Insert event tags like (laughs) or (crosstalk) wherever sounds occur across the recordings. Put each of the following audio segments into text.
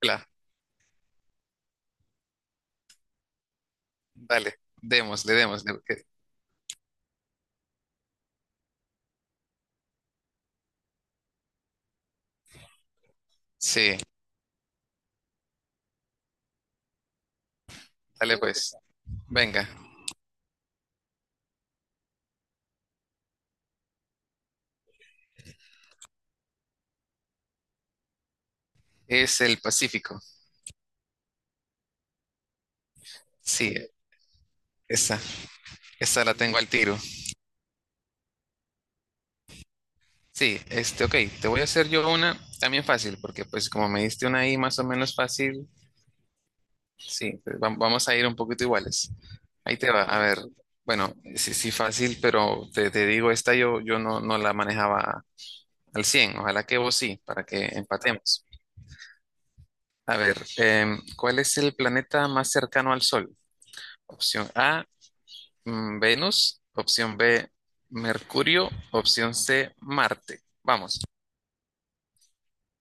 Claro, dale, démosle, démosle. Sí, dale pues. Venga, es el Pacífico. Sí, esa, esa la tengo al tiro. Sí, ok, te voy a hacer yo una también fácil, porque pues como me diste una ahí más o menos fácil, sí, pues, vamos a ir un poquito iguales. Ahí te va, a ver, bueno, sí, sí, fácil, pero te digo, esta yo no la manejaba al 100, ojalá que vos sí, para que empatemos. A ver, ¿cuál es el planeta más cercano al Sol? Opción A, Venus, opción B, Mercurio, opción C, Marte. Vamos.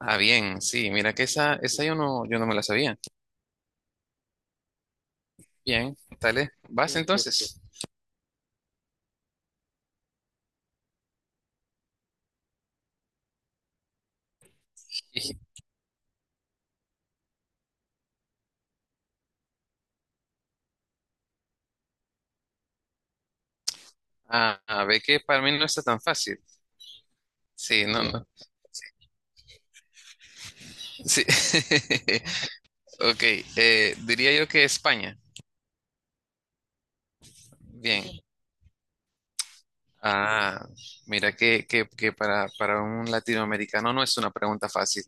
Ah, bien, sí, mira que esa yo no me la sabía. Bien, dale, vas entonces. Y- Ah, ah, ve que para mí no está tan fácil. Sí, no, no, no. Sí. (laughs) Ok, diría yo que España. Bien. Ah, mira que para un latinoamericano no es una pregunta fácil.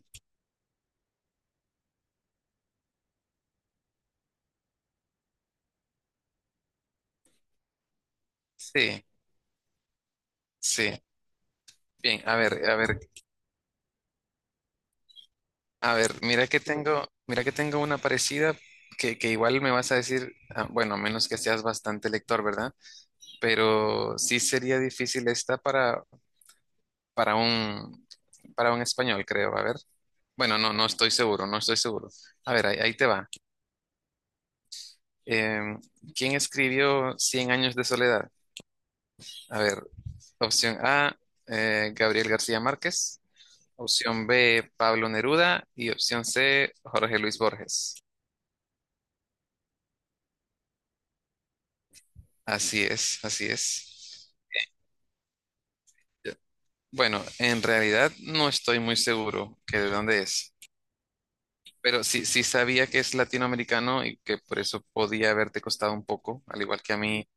Sí, sí. Bien, a ver, a ver. A ver, mira que tengo una parecida que igual me vas a decir, ah, bueno, a menos que seas bastante lector, ¿verdad? Pero sí sería difícil esta para, para un, para un español, creo. A ver. Bueno, no, no estoy seguro, no estoy seguro. A ver, ahí, ahí te va. Em, ¿Quién escribió Cien años de soledad? A ver, opción A, Gabriel García Márquez, opción B, Pablo Neruda y opción C, Jorge Luis Borges. Así es, así es. Bueno, en realidad no estoy muy seguro que de dónde es, pero sí, sí sabía que es latinoamericano y que por eso podía haberte costado un poco, al igual que a mí.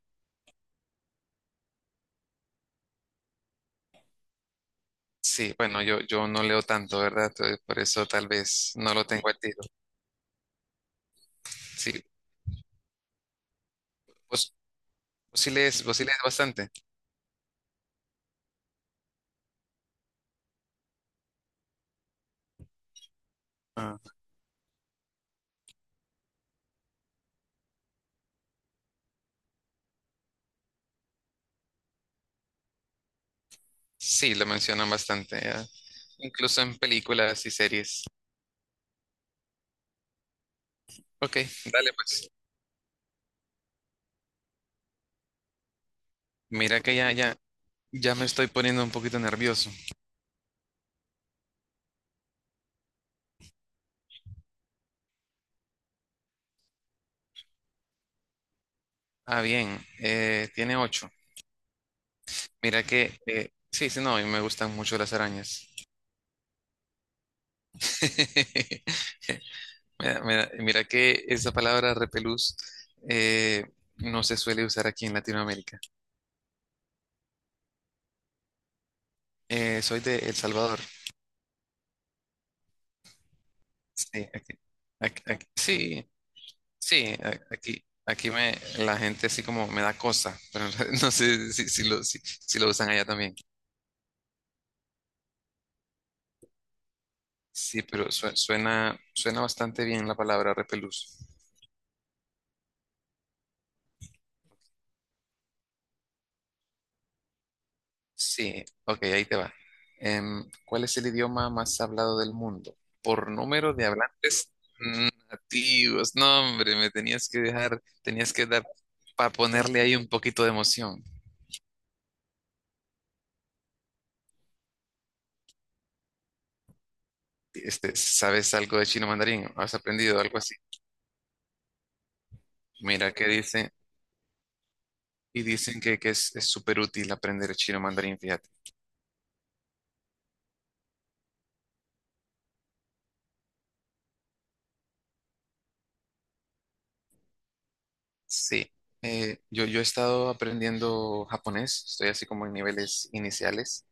Sí, bueno, yo no leo tanto, ¿verdad? Entonces, por eso tal vez no lo tengo al tiro. Sí, vos, vos sí lees bastante. Ah. Sí, lo mencionan bastante, ¿eh? Incluso en películas y series. Ok, dale pues. Mira que ya, ya, ya me estoy poniendo un poquito nervioso. Ah, bien, tiene ocho. Mira sí, sí, no, y me gustan mucho las arañas. (laughs) Mira, mira que esa palabra repelús eh, no se suele usar aquí en Latinoamérica. Soy de El Salvador. Sí, ac- sí, sí, aquí, la gente así como me da cosa, pero (laughs) no sé si si lo usan allá también. Sí, pero suena, suena bastante bien la palabra repelús. Sí, ok, ahí te va. ¿Cuál es el idioma más hablado del mundo? Por número de hablantes nativos. No, hombre, me tenías que dejar, tenías que dar para ponerle ahí un poquito de emoción. Este, ¿sabes algo de chino mandarín? ¿Has aprendido algo así? Mira, que dice, y dicen que es súper útil aprender chino mandarín, fíjate. Sí, yo, yo he estado aprendiendo japonés, estoy así como en niveles iniciales.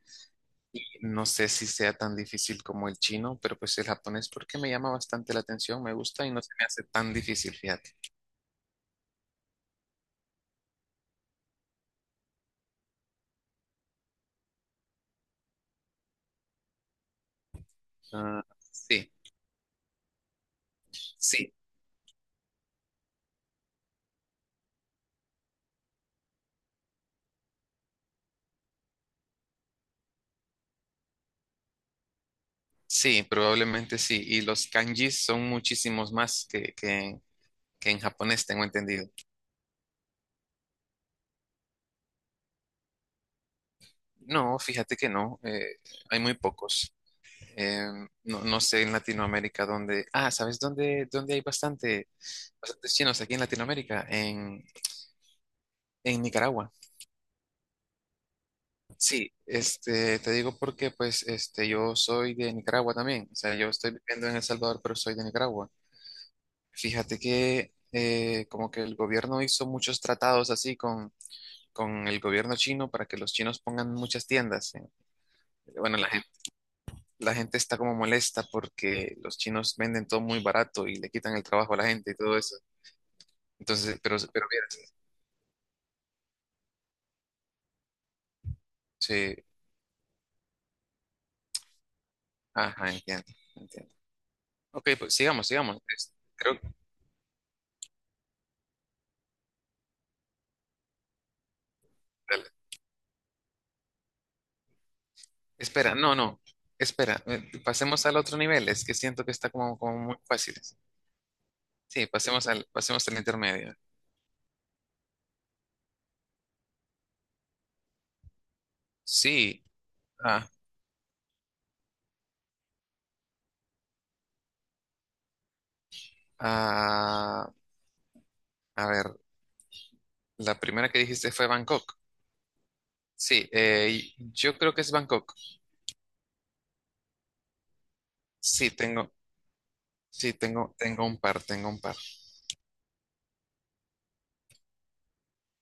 No sé si sea tan difícil como el chino, pero pues el japonés porque me llama bastante la atención, me gusta y no se me hace tan difícil, fíjate. Ah, sí, sí, sí, probablemente sí. Y los kanjis son muchísimos más que en japonés, tengo entendido. No, fíjate que no, hay muy pocos. Eh, no, no sé en Latinoamérica dónde... Ah, ¿sabes dónde hay bastante, bastantes chinos aquí en Latinoamérica? En Nicaragua. Sí, te digo porque pues este, yo soy de Nicaragua también, o sea, yo estoy viviendo en El Salvador, pero soy de Nicaragua. Fíjate que como que el gobierno hizo muchos tratados así con el gobierno chino para que los chinos pongan muchas tiendas. Bueno, la gente está como molesta porque los chinos venden todo muy barato y le quitan el trabajo a la gente y todo eso. Entonces, pero, vieras, sí, ajá, entiendo, entiendo. Ok, pues sigamos, sigamos. Espera, no, no. Espera, pasemos al otro nivel. Es que siento que está como, como muy fácil. Sí, pasemos al intermedio. Sí. Ah, ah, a ver, la primera que dijiste fue Bangkok. Sí, yo creo que es Bangkok. Sí, tengo, sí, tengo, tengo un par, tengo un par.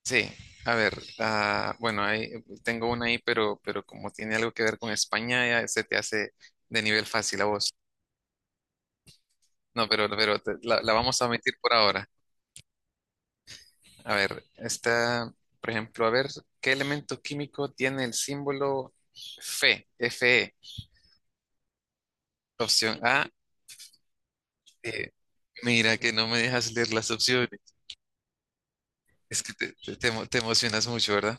Sí, a ver, ah, bueno, ahí tengo una ahí, pero como tiene algo que ver con España, ya se te hace de nivel fácil a vos. No, pero, la la vamos a omitir por ahora. A ver, está, por ejemplo, a ver, ¿qué elemento químico tiene el símbolo Fe? Fe. Opción A. eh, mira que no me dejas leer las opciones. Es que te te emocionas mucho, ¿verdad?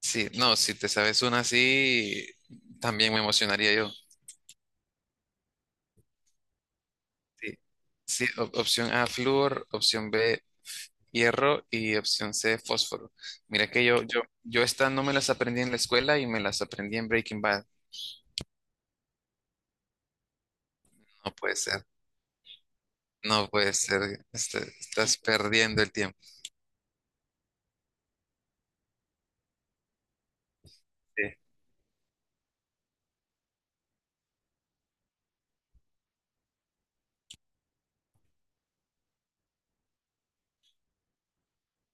Sí, no, si te sabes una así, también me emocionaría yo. Sí, sí, opción A, flúor, opción B, hierro y opción C, fósforo. Mira que yo esta no me las aprendí en la escuela y me las aprendí en Breaking Bad. No puede ser. No puede ser, este, estás perdiendo el tiempo.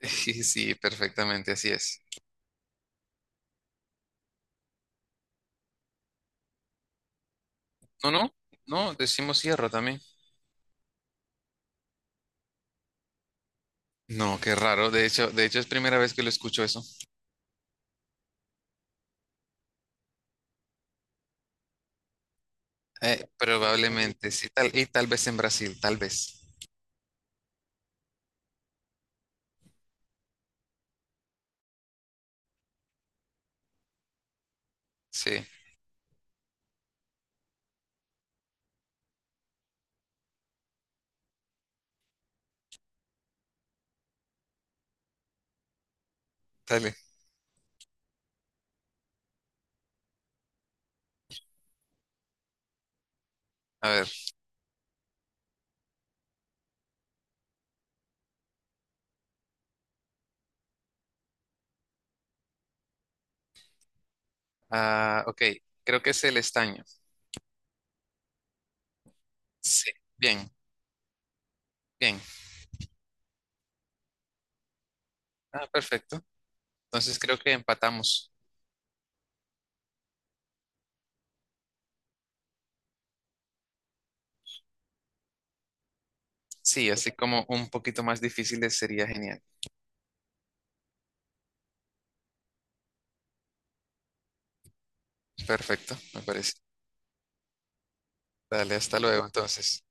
Sí, (laughs) sí, perfectamente, así es. No, no, no, decimos cierra también. No, qué raro. De hecho es primera vez que lo escucho eso. Probablemente, sí, tal, y tal vez en Brasil, tal vez. Sí, dale. A ver. Ah, ok, creo que es el estaño. Sí, bien, bien. Ah, perfecto. Entonces creo que empatamos. Sí, así como un poquito más difíciles sería genial. Perfecto, me parece. Dale, hasta luego entonces.